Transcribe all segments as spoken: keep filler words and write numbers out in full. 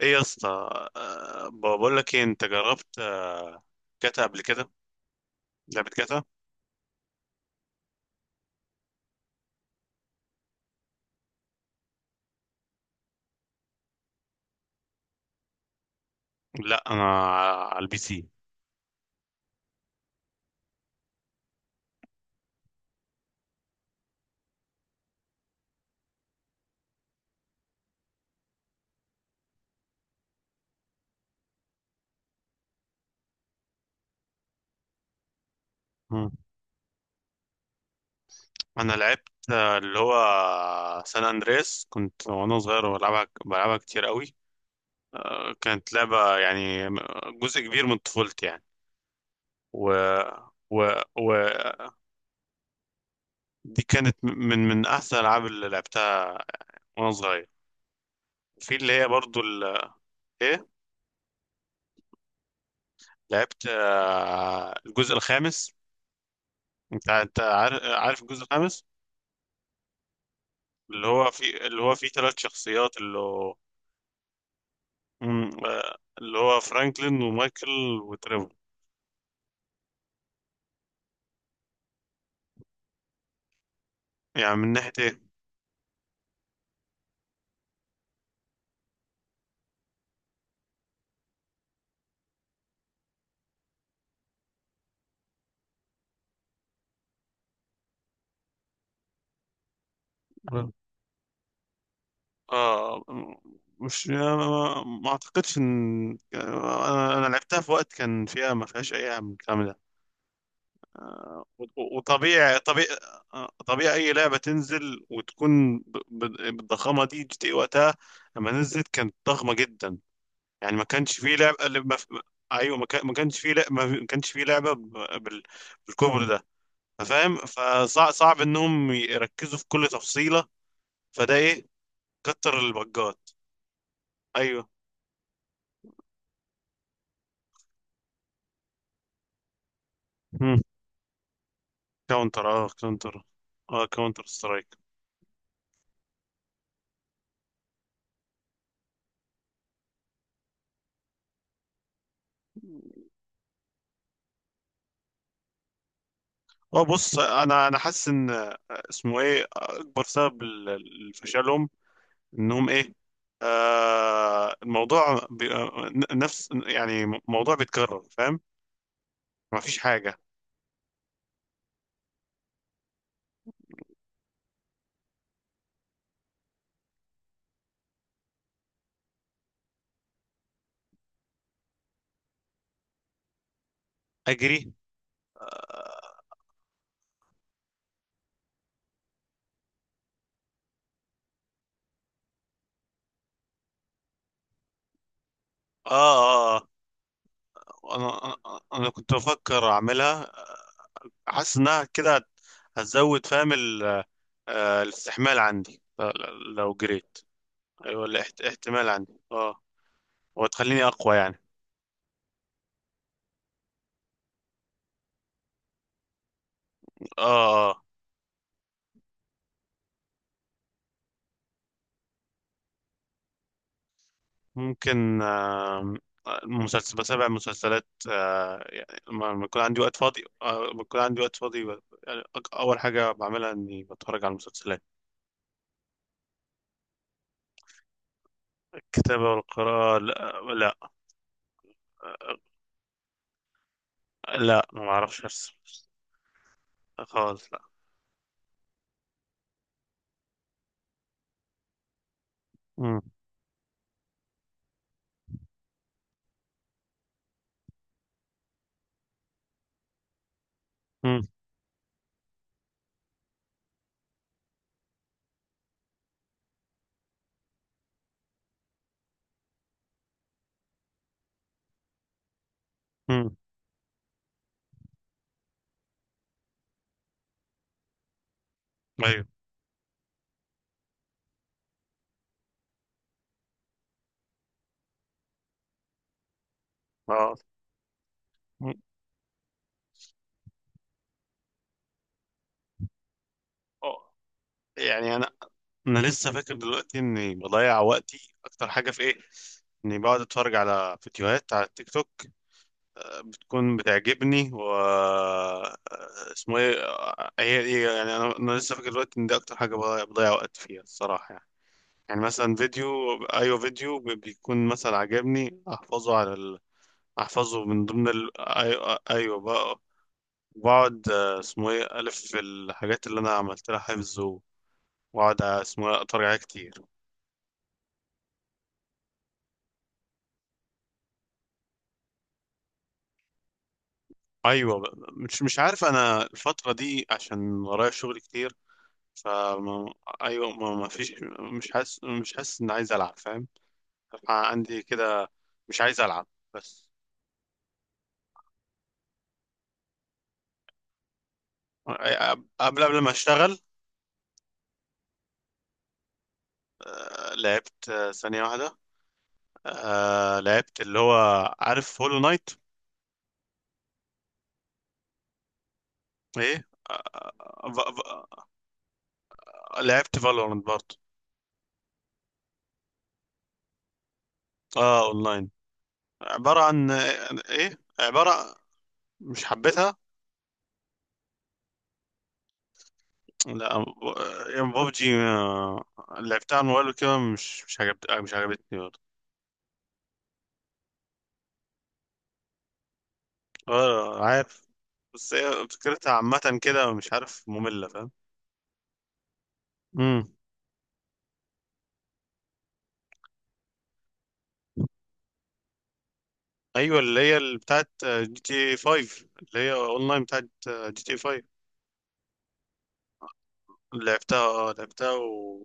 ايه يا اسطى؟ أه بقول لك ايه، انت جربت آه، جاتا قبل كده؟ لعبة جاتا. لا، انا على البي سي. مم. انا لعبت آه، اللي هو سان اندريس، كنت وانا صغير بلعبها بلعبها كتير قوي. أه كانت لعبة يعني جزء كبير من طفولتي يعني. و و و دي كانت من من احسن الالعاب اللي لعبتها وانا صغير، في اللي هي برضو ال- ايه. لعبت آه، الجزء الخامس. انت انت عارف عارف الجزء الخامس؟ اللي هو في اللي هو فيه ثلاث شخصيات، اللي هو مم، آه، اللي هو فرانكلين ومايكل وتريفور. يعني من ناحية ايه؟ مم. اه. مش آه، ما ما اعتقدش ان انا أنا لعبتها في وقت كان فيها ما فيهاش اي عام من الكلام ده. آه، و- وطبيعي طبيعي آه، طبيعي اي لعبه تنزل وتكون ب- ب- بالضخامه دي، جي تي إيه وقتها لما نزلت كانت ضخمه جدا. يعني ما كانش فيه لعبة اللي ما... ايوه، ما كان- ما كانش فيه لعبة ما كانش فيه لعبة ب- بال... بالكبر ده، فاهم. فصعب صعب انهم يركزوا في كل تفصيلة، فده ايه، كتر البجات. ايوه. مم. كاونتر، اه، كاونتر. اه، كاونتر سترايك. اه، بص، انا انا حاسس ان اسمه ايه اكبر سبب ل- لفشلهم انهم ايه، آه الموضوع بي... آه، نفس يعني موضوع بيتكرر، فاهم. ما فيش حاجة. اجري؟ اه. آه. انا انا أنا كنت بفكر اعملها، حاسس انها كده هتزود، فاهم ال- آه، الاستحمال عندي ل- لو جريت. ايوه، الاحت- احتمال عندي، اه. وتخليني اقوى يعني. اه، اه. ممكن آه مسلسل، بتابع مسلسلات آه يعني لما لما يكون عندي وقت فاضي، آه، لما يكون عندي وقت فاضي ب- يعني أك- اول حاجه بعملها اني بتفرج على المسلسلات. الكتابه والقراءه، لا، لا. آه، لا، ما اعرفش ارسم. خالص، لا. مم. مم. ايوه، اه. آه. يعني انا انا لسه فاكر دلوقتي اني بضيع وقتي اكتر حاجه في ايه، اني بقعد اتفرج على فيديوهات على التيك توك، بتكون بتعجبني، و اسمه ايه، هي هي- يعني انا انا لسه فاكر دلوقتي ان دي اكتر حاجه بضيع بضيع وقت فيها الصراحه يعني. يعني مثلا فيديو، ايوه، فيديو بي- بيكون مثلا عجبني، احفظه على ال... احفظه من ضمن ال... ايوه، ايوه بقى. بقعد آه، اسمه ايه، الف في الحاجات اللي انا عملت لها حفظ، واقعد اسمه اتفرج عليها كتير. ايوه، ب- مش مش عارف انا الفتره دي عشان ورايا شغل كتير، فما... ايوه، ما ما فيش. مش حاسس مش حاسس ان عايز العب، فاهم، عندي كده. مش عايز العب بس. قبل قبل ما اشتغل، آه، لعبت آه، ثانيه واحده. آه، لعبت اللي هو، عارف هولو نايت؟ ايه، آه، آه، ف- ف- لعبت فالورانت برضه. اه، اونلاين، عباره عن آه، ايه، عباره... مش حبيتها. لا، ب- يعني ببجي، آه، لعبتها على الموبايل وكده، مش مش عجبت آه، مش عجبتني برضه. اه، عارف. بس هي فكرتها عامة كده، مش عارف، مملة، فاهم. امم ايوه، اللي هي اللي بتاعت آه، جي تي خمسة اللي هي اونلاين بتاعت آه، جي تي خمسة. لعبتها اه لعبتها و...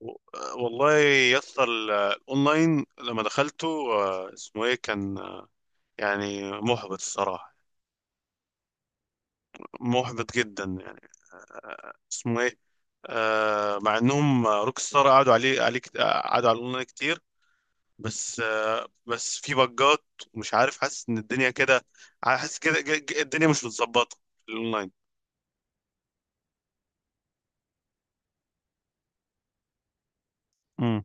و... آه، والله، يسطا الاونلاين لما دخلته، آه، اسمه ايه، كان آه، يعني محبط الصراحة، محبط جدا يعني. اسمه ايه، آه، مع انهم روك ستار قعدوا عليه عليه كت- قعدوا على الاونلاين كتير، بس آه، بس في بجات، ومش عارف، حاسس ان الدنيا كده، حاسس كده ج- ج- الدنيا مش متظبطه في الاونلاين. امم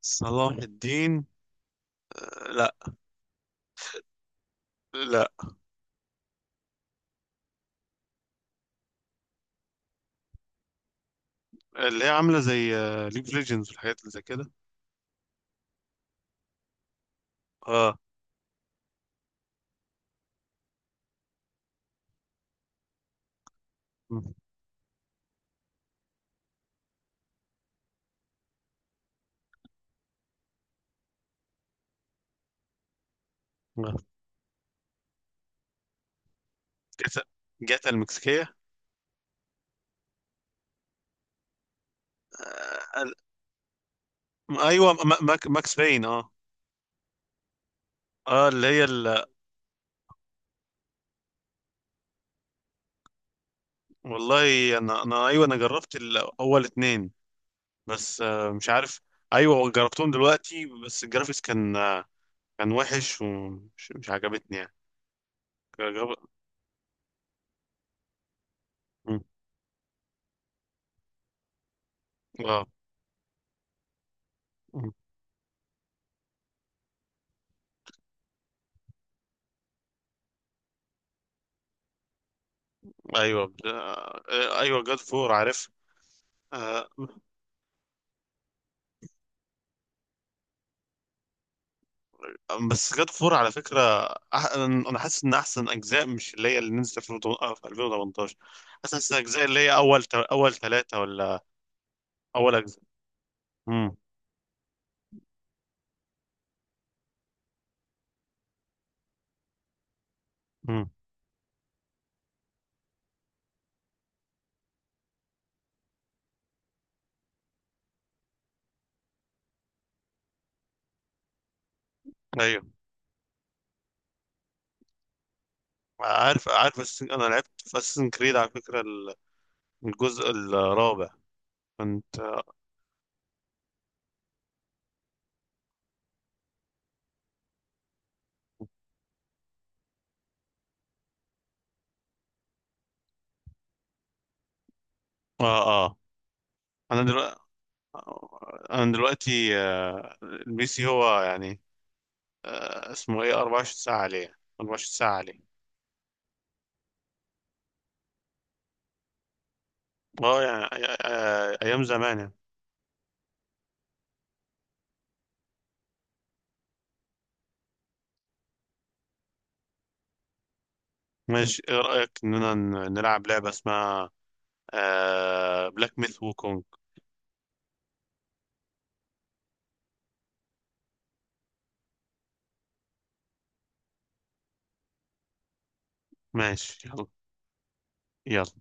صلاح الدين؟ آه، لا. لا. اللي هي عامله زي ليج اوف ليجندز والحاجات اللي زي كده. اه. لا. جاتا؟ جاتا المكسيكيه؟ آه، ال- ايوه، م- ماك- ماكس باين، اه. اه، اللي هي ال... والله انا انا، ايوه، انا جربت الاول اتنين، بس آه، مش عارف. ايوه، جربتهم دلوقتي بس الجرافيكس كان آه، كان وحش، ومش مش عجبتني يعني. جرب... مم. اه. مم. ايوه، ب- آه، آه، ايوه جاد فور، عارف. آه، بس جاد فور على فكره، أح... انا حاسس ان احسن اجزاء مش اللي هي اللي نزلت في الفين وثمانية عشر، حاسس احسن اجزاء اللي هي اول ت... اول ثلاثه ولا اول اجزاء. امم امم ايوه، عارف. عارف بس انا لعبت في اساسن كريد على فكره ال- الجزء الرابع، كنت آه، اه، اه. انا دلوقتي انا دلوقتي، آه، البي سي هو يعني آه، اسمه ايه، اربعة وعشرين ساعة عليه، اربعة وعشرين ساعة عليه. اه يعني آه، آه، آه، ايام زمان يعني. ماشي، ايه رأيك اننا ن- نلعب لعبة اسمها آه بلاك ميث وكونج. ماشي، يلا. يلا.